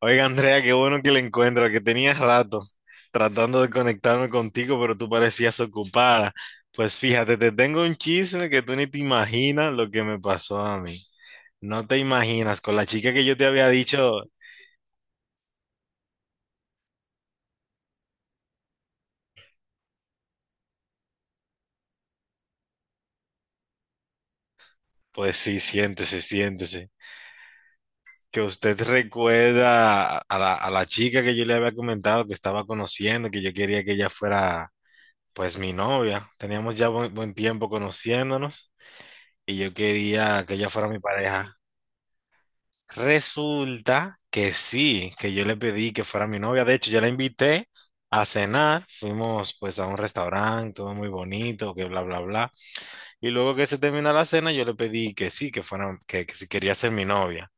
Oiga, Andrea, qué bueno que le encuentro, que tenías rato tratando de conectarme contigo, pero tú parecías ocupada. Pues fíjate, te tengo un chisme que tú ni te imaginas lo que me pasó a mí. No te imaginas, con la chica que yo te había dicho, pues sí, siéntese, siéntese. Que usted recuerda a la chica que yo le había comentado que estaba conociendo, que yo quería que ella fuera, pues, mi novia. Teníamos ya buen tiempo conociéndonos y yo quería que ella fuera mi pareja. Resulta que sí, que yo le pedí que fuera mi novia. De hecho, yo la invité a cenar. Fuimos pues a un restaurante, todo muy bonito, que bla, bla, bla. Y luego que se termina la cena, yo le pedí que sí, que fuera, que si quería ser mi novia.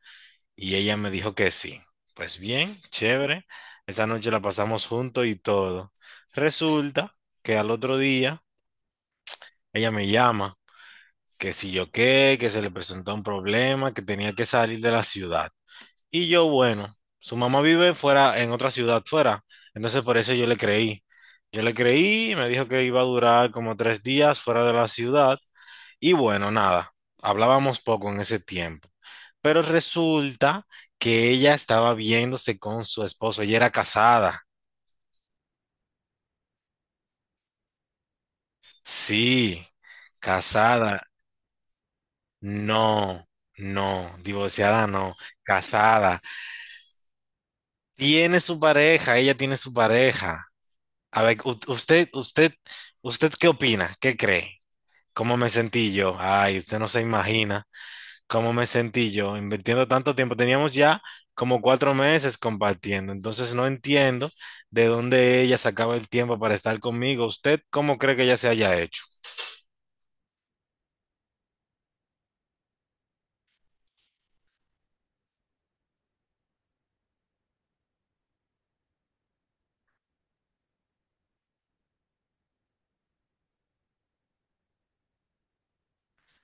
Y ella me dijo que sí. Pues bien, chévere. Esa noche la pasamos juntos y todo. Resulta que al otro día ella me llama, que si yo qué, que se le presentó un problema, que tenía que salir de la ciudad. Y yo, bueno, su mamá vive fuera, en otra ciudad fuera. Entonces por eso yo le creí. Yo le creí, me dijo que iba a durar como 3 días fuera de la ciudad. Y bueno, nada, hablábamos poco en ese tiempo. Pero resulta que ella estaba viéndose con su esposo. Ella era casada. Sí, casada. No, no, divorciada no, casada. Tiene su pareja, ella tiene su pareja. A ver, usted, ¿qué opina? ¿Qué cree? ¿Cómo me sentí yo? Ay, usted no se imagina cómo me sentí yo invirtiendo tanto tiempo. Teníamos ya como 4 meses compartiendo, entonces no entiendo de dónde ella sacaba el tiempo para estar conmigo. ¿Usted cómo cree que ella se haya hecho?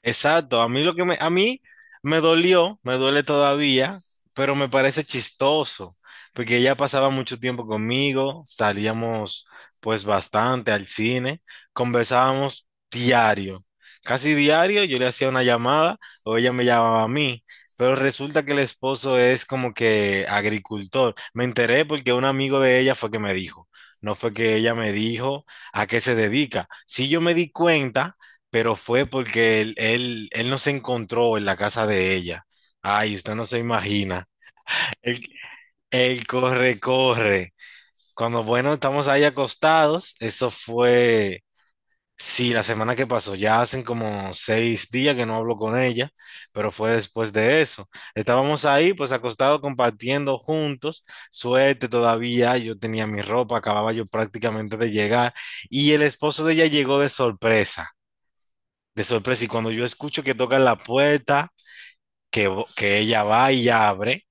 Exacto, a mí me dolió, me duele todavía, pero me parece chistoso, porque ella pasaba mucho tiempo conmigo, salíamos pues bastante al cine, conversábamos diario, casi diario, yo le hacía una llamada o ella me llamaba a mí, pero resulta que el esposo es como que agricultor. Me enteré porque un amigo de ella fue que me dijo, no fue que ella me dijo a qué se dedica. Si yo me di cuenta pero fue porque él no se encontró en la casa de ella. Ay, usted no se imagina. Él, él corre, corre. Cuando, bueno, estamos ahí acostados, eso fue, sí, la semana que pasó, ya hacen como 6 días que no hablo con ella, pero fue después de eso. Estábamos ahí, pues acostados, compartiendo juntos, suerte todavía, yo tenía mi ropa, acababa yo prácticamente de llegar, y el esposo de ella llegó de sorpresa. Y cuando yo escucho que tocan la puerta, que ella va y abre,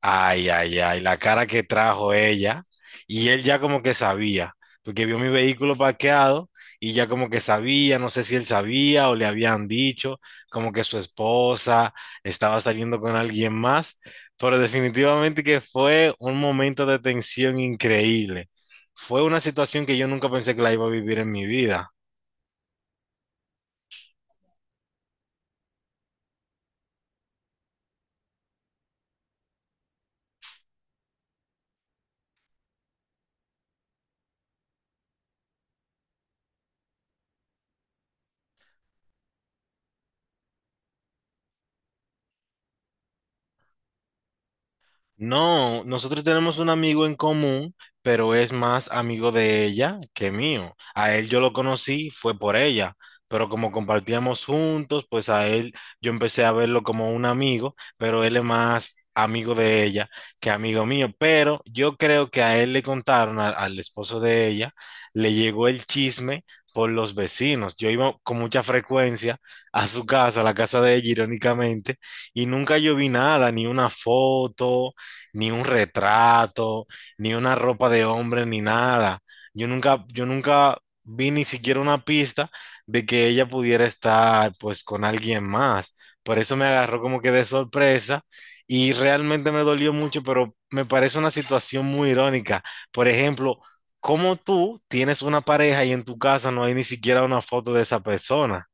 ay, ay, ay, la cara que trajo ella. Y él ya como que sabía, porque vio mi vehículo parqueado y ya como que sabía, no sé si él sabía o le habían dicho, como que su esposa estaba saliendo con alguien más, pero definitivamente que fue un momento de tensión increíble. Fue una situación que yo nunca pensé que la iba a vivir en mi vida. No, nosotros tenemos un amigo en común, pero es más amigo de ella que mío. A él yo lo conocí, fue por ella, pero como compartíamos juntos, pues a él yo empecé a verlo como un amigo, pero él es más amigo de ella que amigo mío. Pero yo creo que a él le contaron, al esposo de ella, le llegó el chisme por los vecinos. Yo iba con mucha frecuencia a su casa, a la casa de ella, irónicamente, y nunca yo vi nada, ni una foto ni un retrato, ni una ropa de hombre, ni nada. Yo nunca vi ni siquiera una pista de que ella pudiera estar pues con alguien más. Por eso me agarró como que de sorpresa y realmente me dolió mucho, pero me parece una situación muy irónica. Por ejemplo, ¿cómo tú tienes una pareja y en tu casa no hay ni siquiera una foto de esa persona?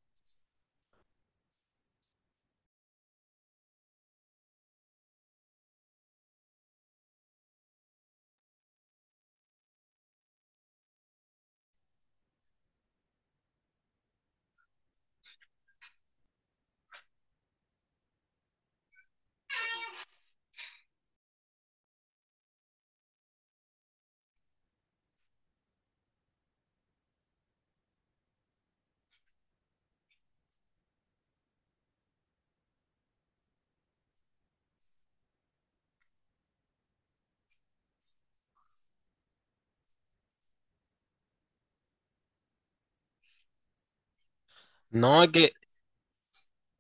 No, es que.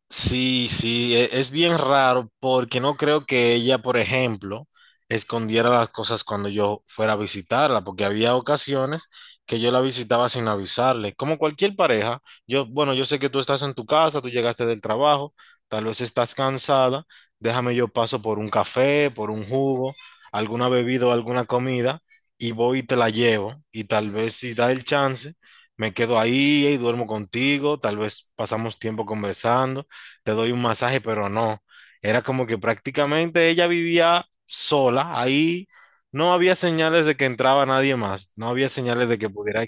Sí, sí, es bien raro porque no creo que ella, por ejemplo, escondiera las cosas cuando yo fuera a visitarla, porque había ocasiones que yo la visitaba sin avisarle. Como cualquier pareja, yo, bueno, yo sé que tú estás en tu casa, tú llegaste del trabajo, tal vez estás cansada, déjame yo paso por un café, por un jugo, alguna bebida o alguna comida y voy y te la llevo y tal vez si da el chance. Me quedo ahí y duermo contigo, tal vez pasamos tiempo conversando, te doy un masaje, pero no. Era como que prácticamente ella vivía sola, ahí no había señales de que entraba nadie más, no había señales de que pudiera.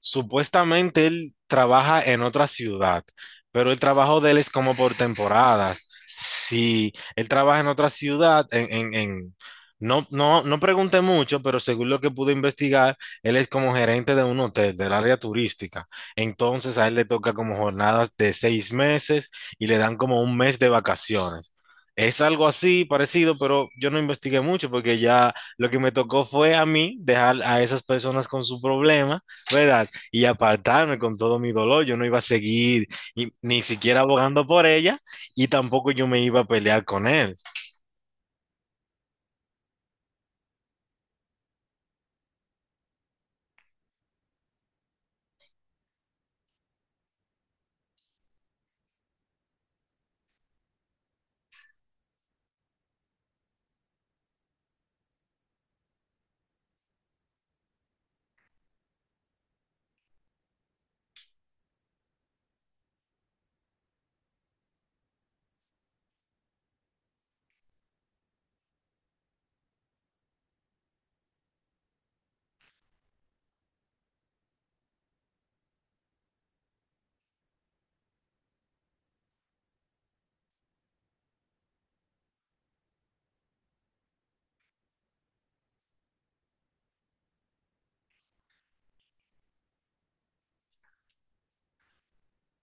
Supuestamente él trabaja en otra ciudad, pero el trabajo de él es como por temporadas. Si él trabaja en otra ciudad, no, no, no pregunté mucho, pero según lo que pude investigar, él es como gerente de un hotel del área turística. Entonces a él le toca como jornadas de 6 meses y le dan como un mes de vacaciones. Es algo así parecido, pero yo no investigué mucho porque ya lo que me tocó fue a mí dejar a esas personas con su problema, ¿verdad? Y apartarme con todo mi dolor. Yo no iba a seguir ni siquiera abogando por ella y tampoco yo me iba a pelear con él.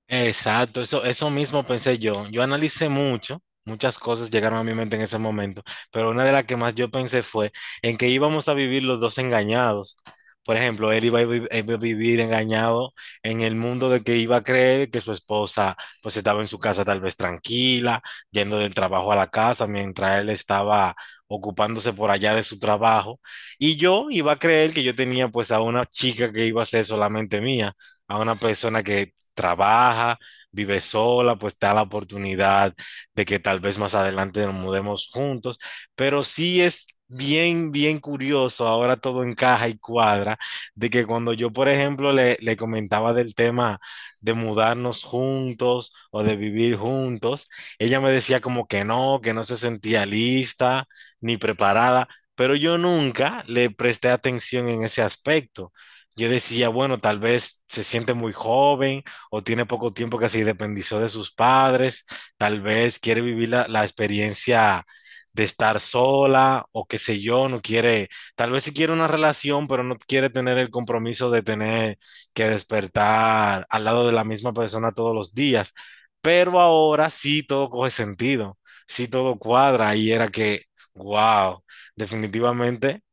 Exacto, eso mismo pensé yo. Yo analicé mucho, muchas cosas llegaron a mi mente en ese momento, pero una de las que más yo pensé fue en que íbamos a vivir los dos engañados. Por ejemplo, él iba a vivir engañado en el mundo de que iba a creer que su esposa pues estaba en su casa tal vez tranquila, yendo del trabajo a la casa, mientras él estaba ocupándose por allá de su trabajo. Y yo iba a creer que yo tenía pues a una chica que iba a ser solamente mía, a una persona que trabaja, vive sola, pues está la oportunidad de que tal vez más adelante nos mudemos juntos, pero sí es bien, bien curioso, ahora todo encaja y cuadra, de que cuando yo, por ejemplo, le comentaba del tema de mudarnos juntos o de vivir juntos, ella me decía como que no se sentía lista ni preparada, pero yo nunca le presté atención en ese aspecto. Yo decía, bueno, tal vez se siente muy joven, o tiene poco tiempo que se independizó de sus padres, tal vez quiere vivir la experiencia de estar sola o qué sé yo, no quiere, tal vez sí quiere una relación, pero no quiere tener el compromiso de tener que despertar al lado de la misma persona todos los días. Pero ahora sí todo coge sentido, sí todo cuadra y era que, wow, definitivamente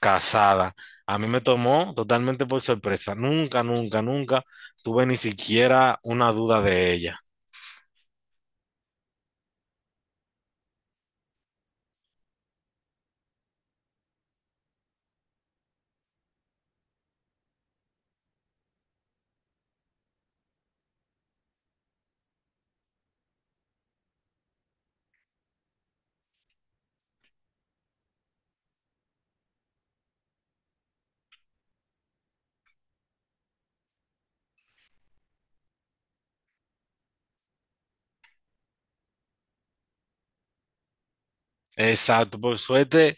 casada. A mí me tomó totalmente por sorpresa. Nunca, nunca, nunca tuve ni siquiera una duda de ella. Exacto, por suerte,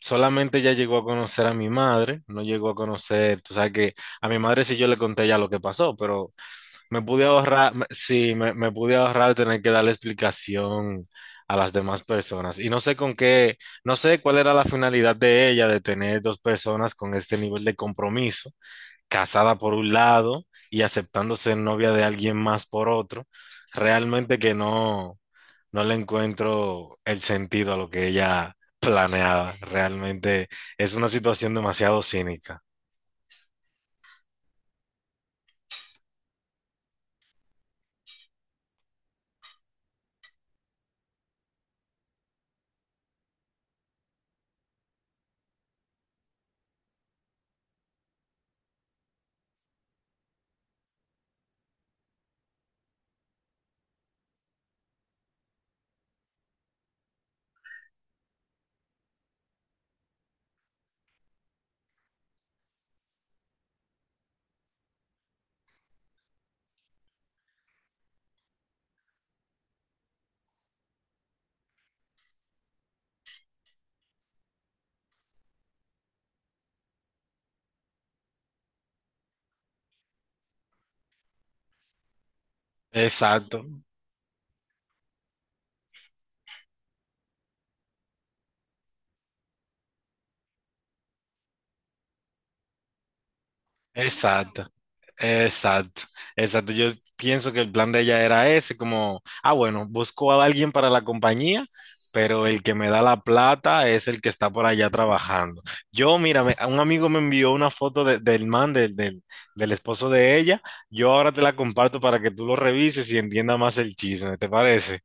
solamente ella llegó a conocer a mi madre, no llegó a conocer, tú sabes que a mi madre sí yo le conté ya lo que pasó, pero me pude ahorrar, sí, me pude ahorrar tener que dar la explicación a las demás personas. Y no sé con qué, no sé cuál era la finalidad de ella de tener dos personas con este nivel de compromiso, casada por un lado y aceptándose novia de alguien más por otro, realmente que no. No le encuentro el sentido a lo que ella planeaba. Realmente es una situación demasiado cínica. Exacto, exacto, exacto, exacto. Yo pienso que el plan de ella era ese, como, ah, bueno, busco a alguien para la compañía, pero el que me da la plata es el que está por allá trabajando. Yo, mira, un amigo me envió una foto del man, del esposo de ella. Yo ahora te la comparto para que tú lo revises y entiendas más el chisme, ¿te parece?